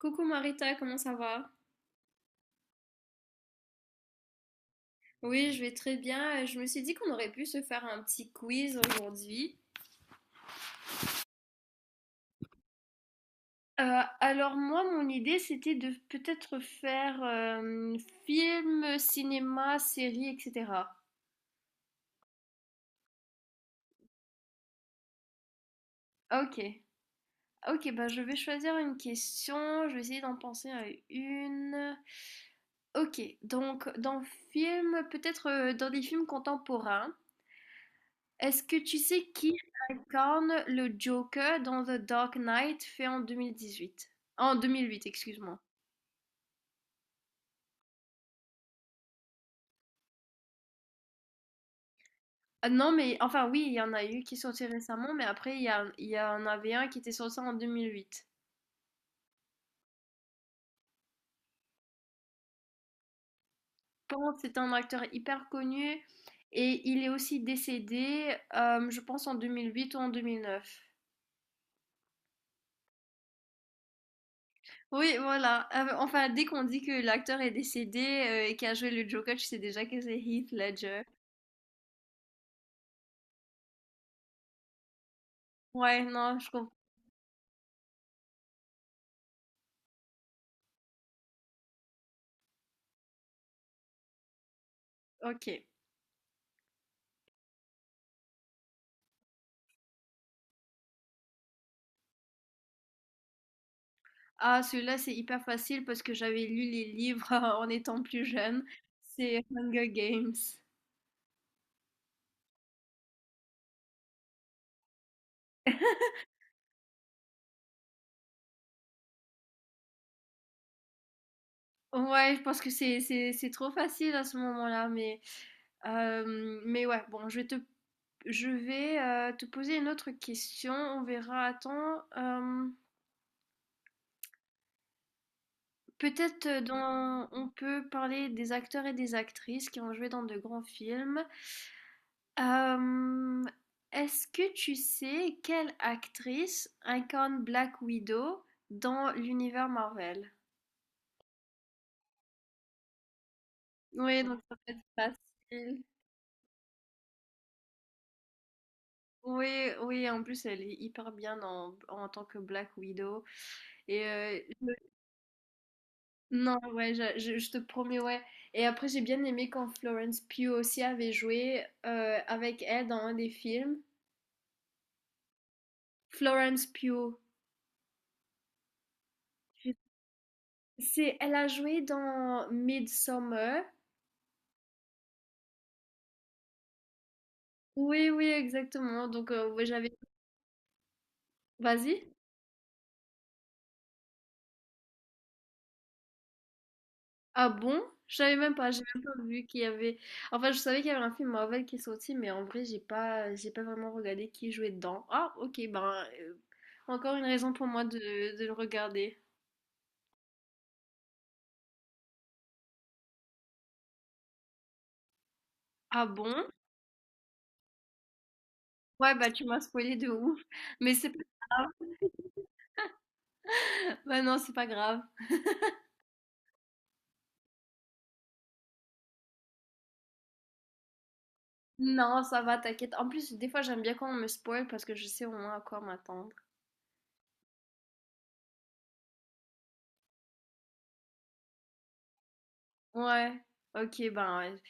Coucou Marita, comment ça va? Oui, je vais très bien. Je me suis dit qu'on aurait pu se faire un petit quiz aujourd'hui. Alors moi, mon idée, c'était de peut-être faire film, cinéma, série, etc. Ok, ok, bah je vais choisir une question, je vais essayer d'en penser à une. Ok, donc dans film, peut-être dans des films contemporains. Est-ce que tu sais qui incarne le Joker dans The Dark Knight fait en 2018? En 2008, excuse-moi. Ah non, mais enfin oui, il y en a eu qui sont sortis récemment, mais après il y en avait un qui était sorti en 2008. Bon, c'est un acteur hyper connu et il est aussi décédé, je pense en 2008 ou en 2009. Oui, voilà. Enfin, dès qu'on dit que l'acteur est décédé et qu'il a joué le Joker, tu sais déjà que c'est Heath Ledger. Ouais, non, je comprends. Ok. Ah, celui-là, c'est hyper facile parce que j'avais lu les livres en étant plus jeune. C'est Hunger Games. Ouais, je pense que c'est trop facile à ce moment-là, mais ouais, bon, je vais te poser une autre question. On verra. Attends, peut-être on peut parler des acteurs et des actrices qui ont joué dans de grands films. Hem, est-ce que tu sais quelle actrice incarne Black Widow dans l'univers Marvel? Oui, donc ça peut être facile. Oui, oui, en plus elle est hyper bien en tant que Black Widow. Et euh, je- non, ouais, je te promets, ouais. Et après, j'ai bien aimé quand Florence Pugh aussi avait joué avec elle dans un des films. Florence Pugh. Je- elle a joué dans Midsommar. Oui, oui, exactement. Donc, ouais, j'avais. Vas-y. Ah bon? Je savais même pas. J'ai même pas vu qu'il y avait. Enfin, je savais qu'il y avait un film Marvel qui est sorti, mais en vrai, j'ai pas vraiment regardé qui jouait dedans. Ah, ok. Ben, euh, encore une raison pour moi de le regarder. Ah bon? Ouais, bah tu m'as spoilé de ouf. Mais c'est pas grave. Bah non, c'est pas grave. Non, ça va, t'inquiète. En plus, des fois, j'aime bien quand on me spoil parce que je sais au moins à quoi m'attendre. Ouais. Ok, ben, ouais.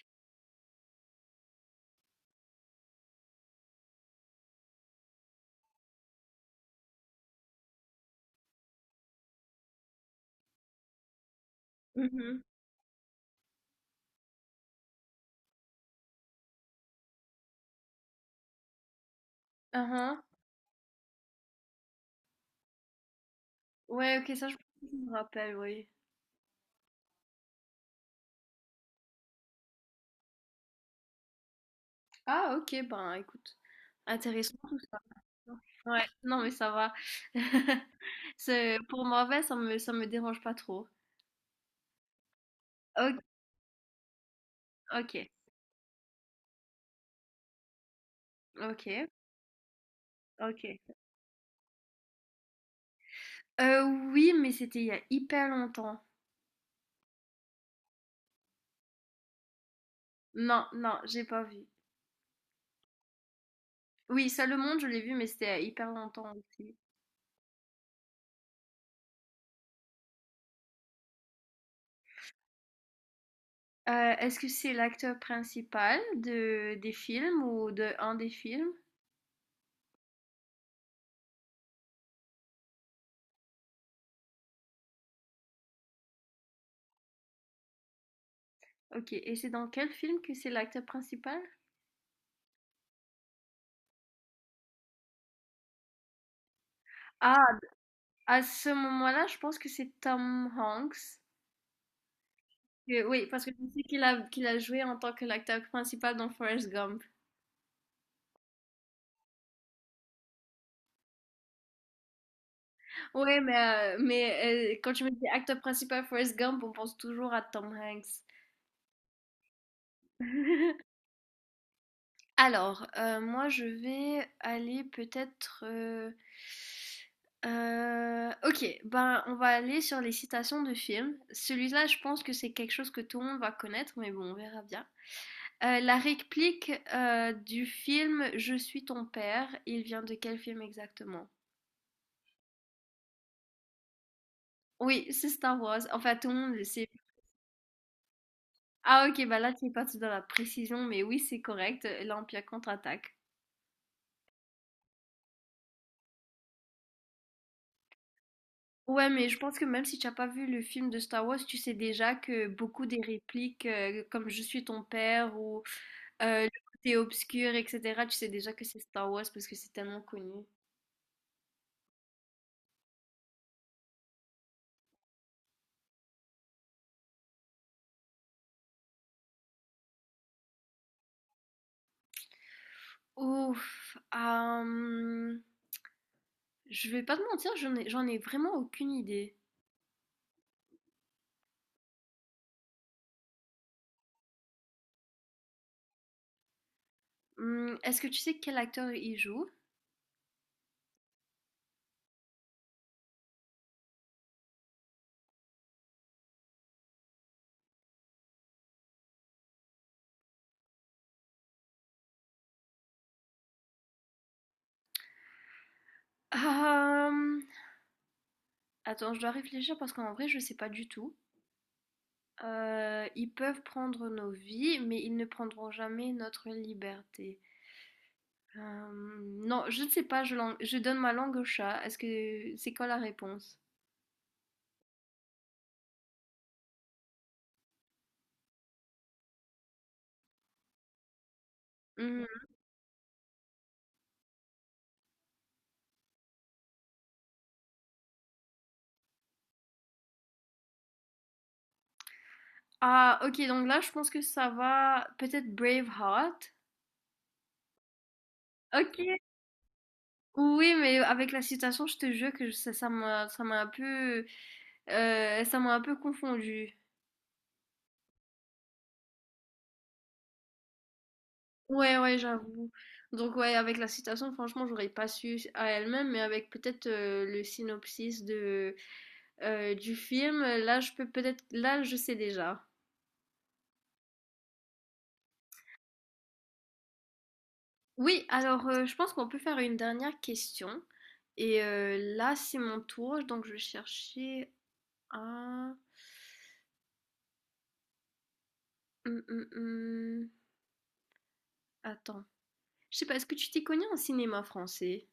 Mhm. Ouais, OK, ça, je me rappelle, oui. Ah OK, ben, écoute, intéressant tout ça. Ouais, non, mais ça va. Pour mauvais, ça me dérange pas trop. Ok, OK, OK, OK. Euh, oui, mais c'était il y a hyper longtemps. Non, non, j'ai pas vu. Oui, ça, le monde, je l'ai vu, mais c'était il y a hyper longtemps aussi. Est-ce que c'est l'acteur principal des films ou de un des films? Ok, et c'est dans quel film que c'est l'acteur principal? Ah, à ce moment-là, je pense que c'est Tom Hanks. Oui, parce que je sais qu'il a joué en tant que l'acteur principal dans Forrest Gump. Oui, mais, quand tu me dis acteur principal Forrest Gump, on pense toujours à Tom Hanks. Alors, moi, je vais aller peut-être, ok, ben, on va aller sur les citations de films. Celui-là, je pense que c'est quelque chose que tout le monde va connaître, mais bon, on verra bien. La réplique du film Je suis ton père, il vient de quel film exactement? Oui, c'est Star Wars. Enfin, tout le monde le sait. Ah, ok, bah là, tu es parti dans la précision, mais oui, c'est correct. L'Empire contre-attaque. Ouais, mais je pense que même si tu n'as pas vu le film de Star Wars, tu sais déjà que beaucoup des répliques, comme Je suis ton père ou le côté obscur, etc., tu sais déjà que c'est Star Wars parce que c'est tellement connu. Ouf, je vais pas te mentir, j'en ai vraiment aucune idée. Mmh, est-ce que tu sais quel acteur il joue? Hem, attends, je dois réfléchir parce qu'en vrai, je sais pas du tout. Ils peuvent prendre nos vies, mais ils ne prendront jamais notre liberté. Non, je ne sais pas, je, je donne ma langue au chat. Est-ce que c'est quoi la réponse? Hum, Ah ok, donc là, je pense que ça va. Peut-être Braveheart. Ok. Oui, mais avec la citation, je te jure que ça m'a un peu confondu. Ouais, ouais, j'avoue. Donc, ouais, avec la citation, franchement, j'aurais pas su à elle-même, mais avec peut-être le synopsis du film, là, je peux peut-être, là, je sais déjà. Oui, alors, je pense qu'on peut faire une dernière question. Et là, c'est mon tour, donc je vais chercher un. Hum, hum, hum. Attends. Je sais pas, est-ce que tu t'y connais en cinéma français?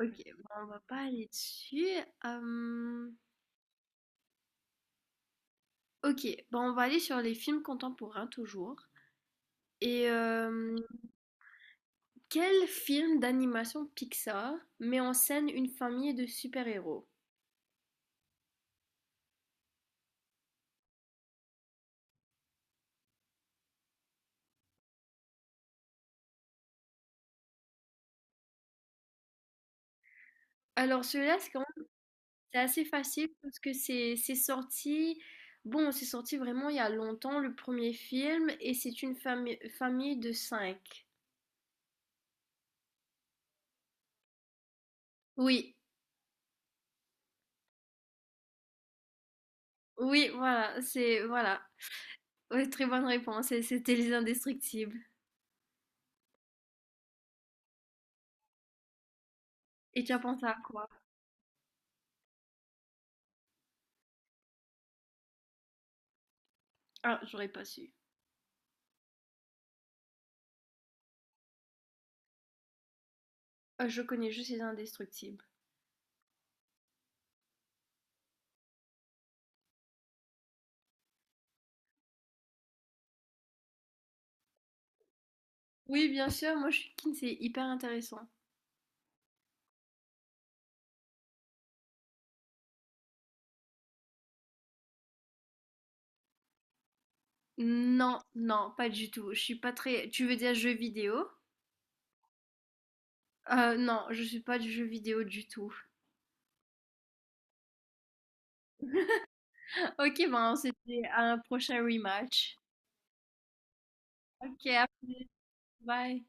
Ok, bon, on va pas aller dessus. Hum, Ok, bah on va aller sur les films contemporains toujours. Et quel film d'animation Pixar met en scène une famille de super-héros? Alors celui-là, c'est assez facile parce que c'est sorti, bon, c'est sorti vraiment il y a longtemps, le premier film, et c'est une famille de cinq. Oui, oui, voilà, voilà. Ouais, très bonne réponse, et c'était Les Indestructibles. Et tu as pensé à quoi? Ah, j'aurais pas su. Je connais juste Les Indestructibles. Oui, bien sûr, moi je suis keen, c'est hyper intéressant. Non, non, pas du tout. Je suis pas très. Tu veux dire jeu vidéo? Non, je suis pas du jeu vidéo du tout. Ok, ben on se dit à un prochain rematch. Ok, à plus, bye.